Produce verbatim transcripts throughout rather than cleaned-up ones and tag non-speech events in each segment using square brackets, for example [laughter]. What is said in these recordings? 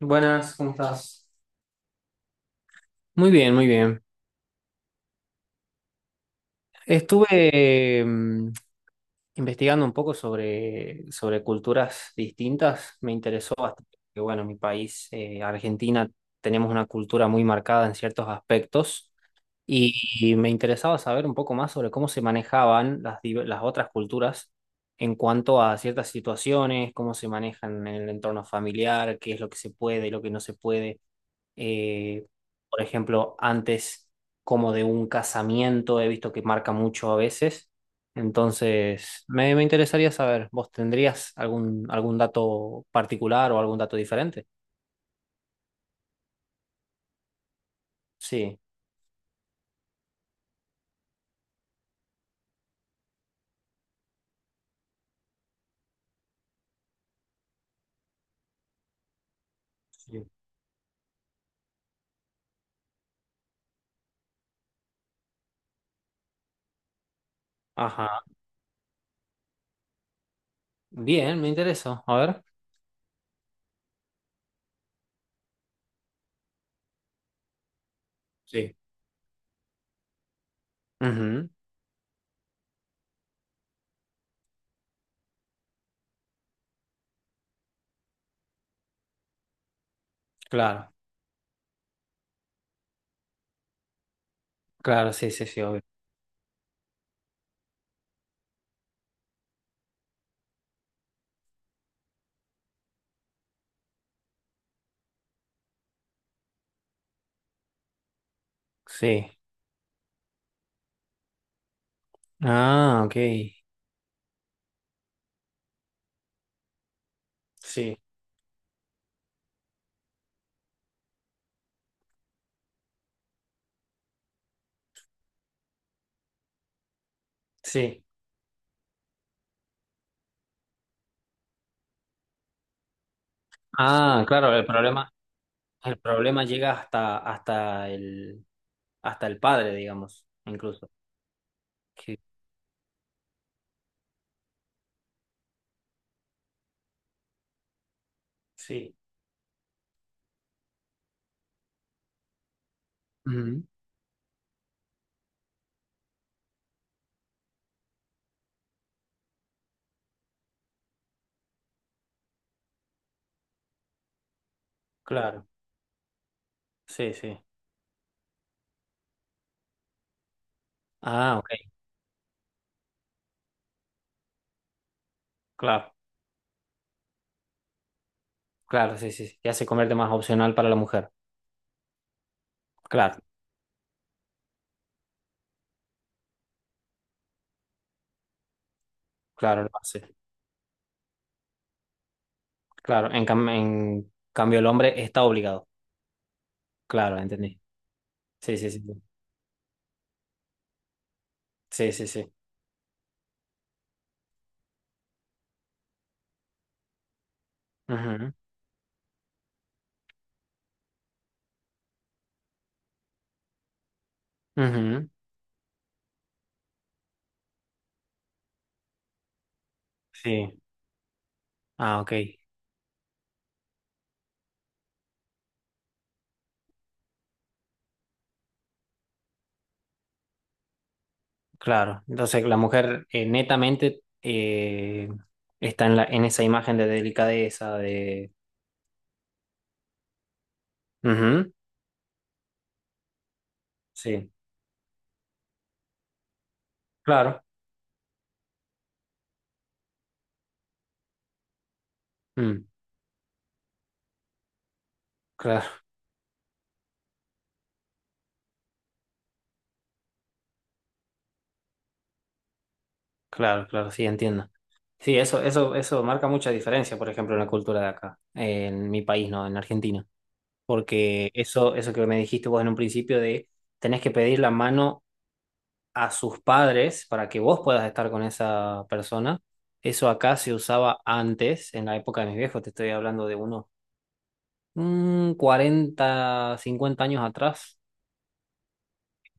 Buenas, ¿cómo estás? Muy bien, muy bien. Estuve mm, investigando un poco sobre, sobre culturas distintas. Me interesó bastante, que bueno, mi país, eh, Argentina, tenemos una cultura muy marcada en ciertos aspectos y, y me interesaba saber un poco más sobre cómo se manejaban las, div- las otras culturas en cuanto a ciertas situaciones, cómo se manejan en el entorno familiar, qué es lo que se puede y lo que no se puede. eh, por ejemplo, antes como de un casamiento, he visto que marca mucho a veces. Entonces, me, me interesaría saber, ¿vos tendrías algún, algún dato particular o algún dato diferente? Sí. Sí. Ajá. Bien, me interesa. A ver. Sí. Ujú. Claro, claro, sí, sí, sí, obvio. Sí. Ah, ok. Sí, sí. Ah, claro, el problema. El problema llega hasta, hasta el, hasta el padre, digamos, incluso. Sí, sí. Ujú. Claro, sí, sí. Ah, ok, claro, claro, sí, sí, sí. Ya se convierte más opcional para la mujer. Claro, claro, lo hace. Claro, en, cam- en cambio el hombre está obligado. Claro, entendí. Sí, sí, sí. Sí, sí, sí. Ujú, ujú. Sí. Ah, ok, claro. Entonces la mujer eh, netamente eh, está en la, en esa imagen de delicadeza, de... Ujú. Sí, claro. Mm, claro, claro, claro, sí, entiendo. Sí, eso, eso, eso marca mucha diferencia, por ejemplo, en la cultura de acá, en mi país, ¿no? En Argentina. Porque eso, eso que me dijiste vos en un principio de tenés que pedir la mano a sus padres para que vos puedas estar con esa persona. Eso acá se usaba antes, en la época de mis viejos, te estoy hablando de unos mm, cuarenta, cincuenta años atrás,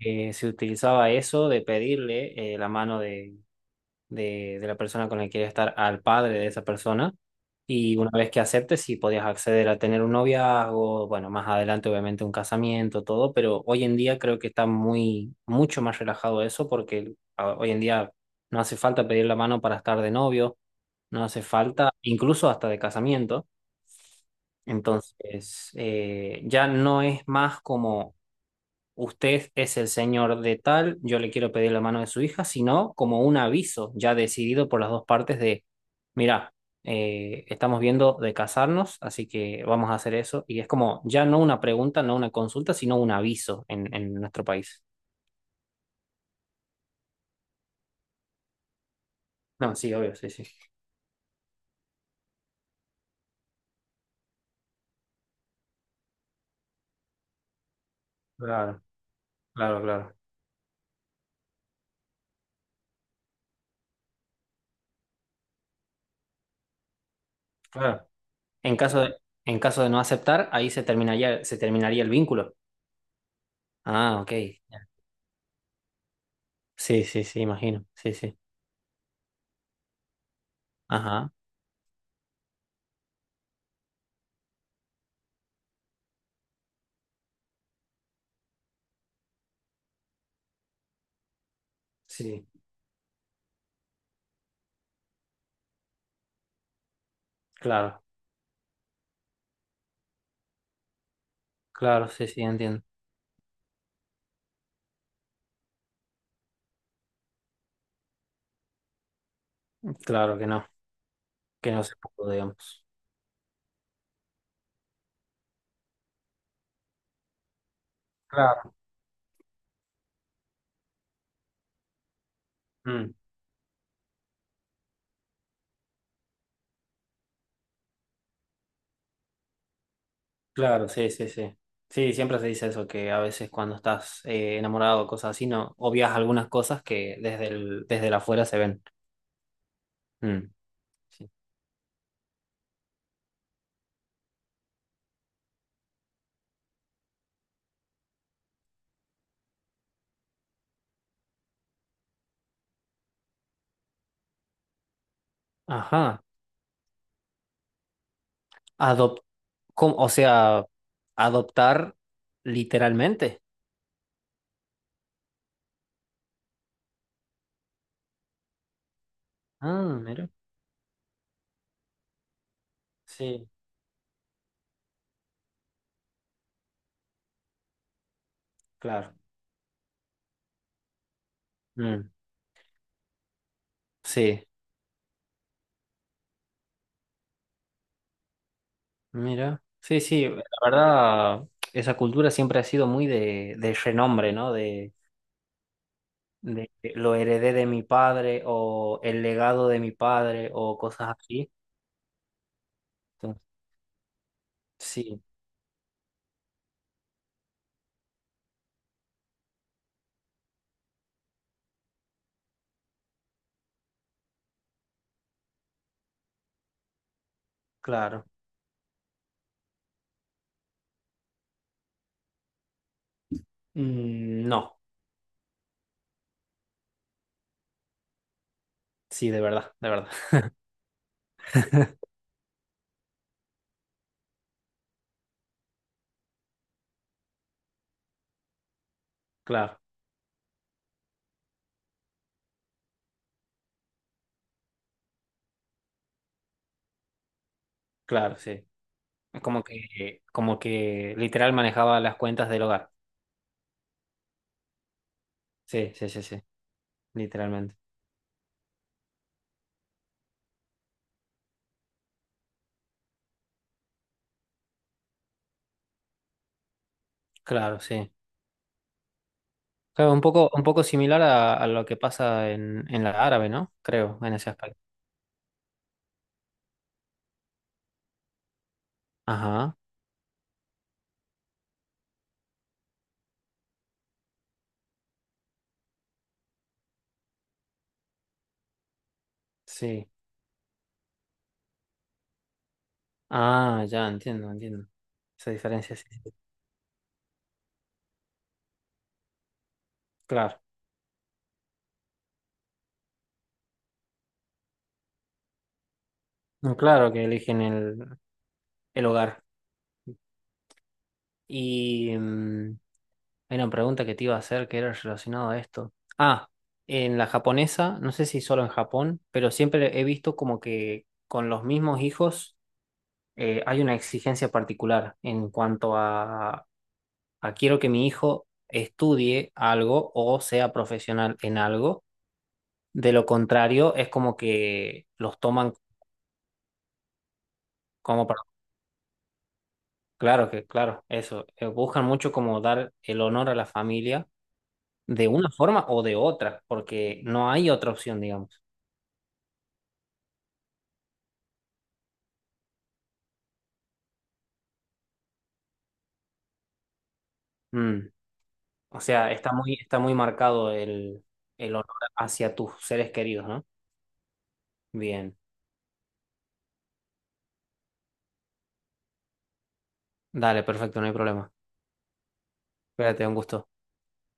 eh, se utilizaba eso de pedirle eh, la mano de, de la persona con la que quieres estar al padre de esa persona. Y una vez que aceptes, sí podías acceder a tener un noviazgo, bueno, más adelante obviamente un casamiento, todo, pero hoy en día creo que está muy, mucho más relajado eso porque a- hoy en día no hace falta pedir la mano para estar de novio, no hace falta, incluso hasta de casamiento. Entonces, eh, ya no es más como usted es el señor de tal, yo le quiero pedir la mano de su hija, sino como un aviso ya decidido por las dos partes de, mira, eh, estamos viendo de casarnos, así que vamos a hacer eso. Y es como ya no una pregunta, no una consulta, sino un aviso en, en nuestro país. No, sí, obvio, sí, sí. Claro, claro, claro, claro. En caso de, en caso de no aceptar, ahí se terminaría, se terminaría el vínculo. Ah, ok. Sí, sí, sí, imagino. Sí, sí. Ajá. Sí, claro, claro, sí, sí, entiendo. Claro que no, que no se pudo, digamos. Claro. Mm, claro, sí, sí, sí. Sí, siempre se dice eso, que a veces cuando estás eh, enamorado o cosas así, no obvias algunas cosas que desde el, desde el afuera se ven. Mm, sí. Ajá. Adop, ¿cómo? O sea, adoptar literalmente. Ah, mira. Sí, claro. Mm, sí, mira. Sí, sí, la verdad, esa cultura siempre ha sido muy de, de renombre, ¿no? De lo heredé de mi padre o el legado de mi padre o cosas así. Entonces, sí, claro. Mm, no, sí, de verdad, de verdad. [laughs] Claro, claro, sí. Es como que, como que literal manejaba las cuentas del hogar. Sí, sí, sí, sí, literalmente. Claro, sí. Claro, un poco, un poco similar a, a lo que pasa en, en la árabe, ¿no? Creo, en ese aspecto. Ajá, sí. Ah, ya, entiendo, entiendo. Esa diferencia, sí. Claro. No, claro que eligen el, el hogar. Y mm, hay una pregunta que te iba a hacer que era relacionada a esto. Ah, en la japonesa, no sé si solo en Japón, pero siempre he visto como que con los mismos hijos eh, hay una exigencia particular en cuanto a, a quiero que mi hijo estudie algo o sea profesional en algo. De lo contrario, es como que los toman como para... Claro que, claro, eso. Eh, buscan mucho como dar el honor a la familia de una forma o de otra, porque no hay otra opción, digamos. Mm. O sea, está muy, está muy marcado el, el honor hacia tus seres queridos, ¿no? Bien. Dale, perfecto, no hay problema. Espérate, un gusto.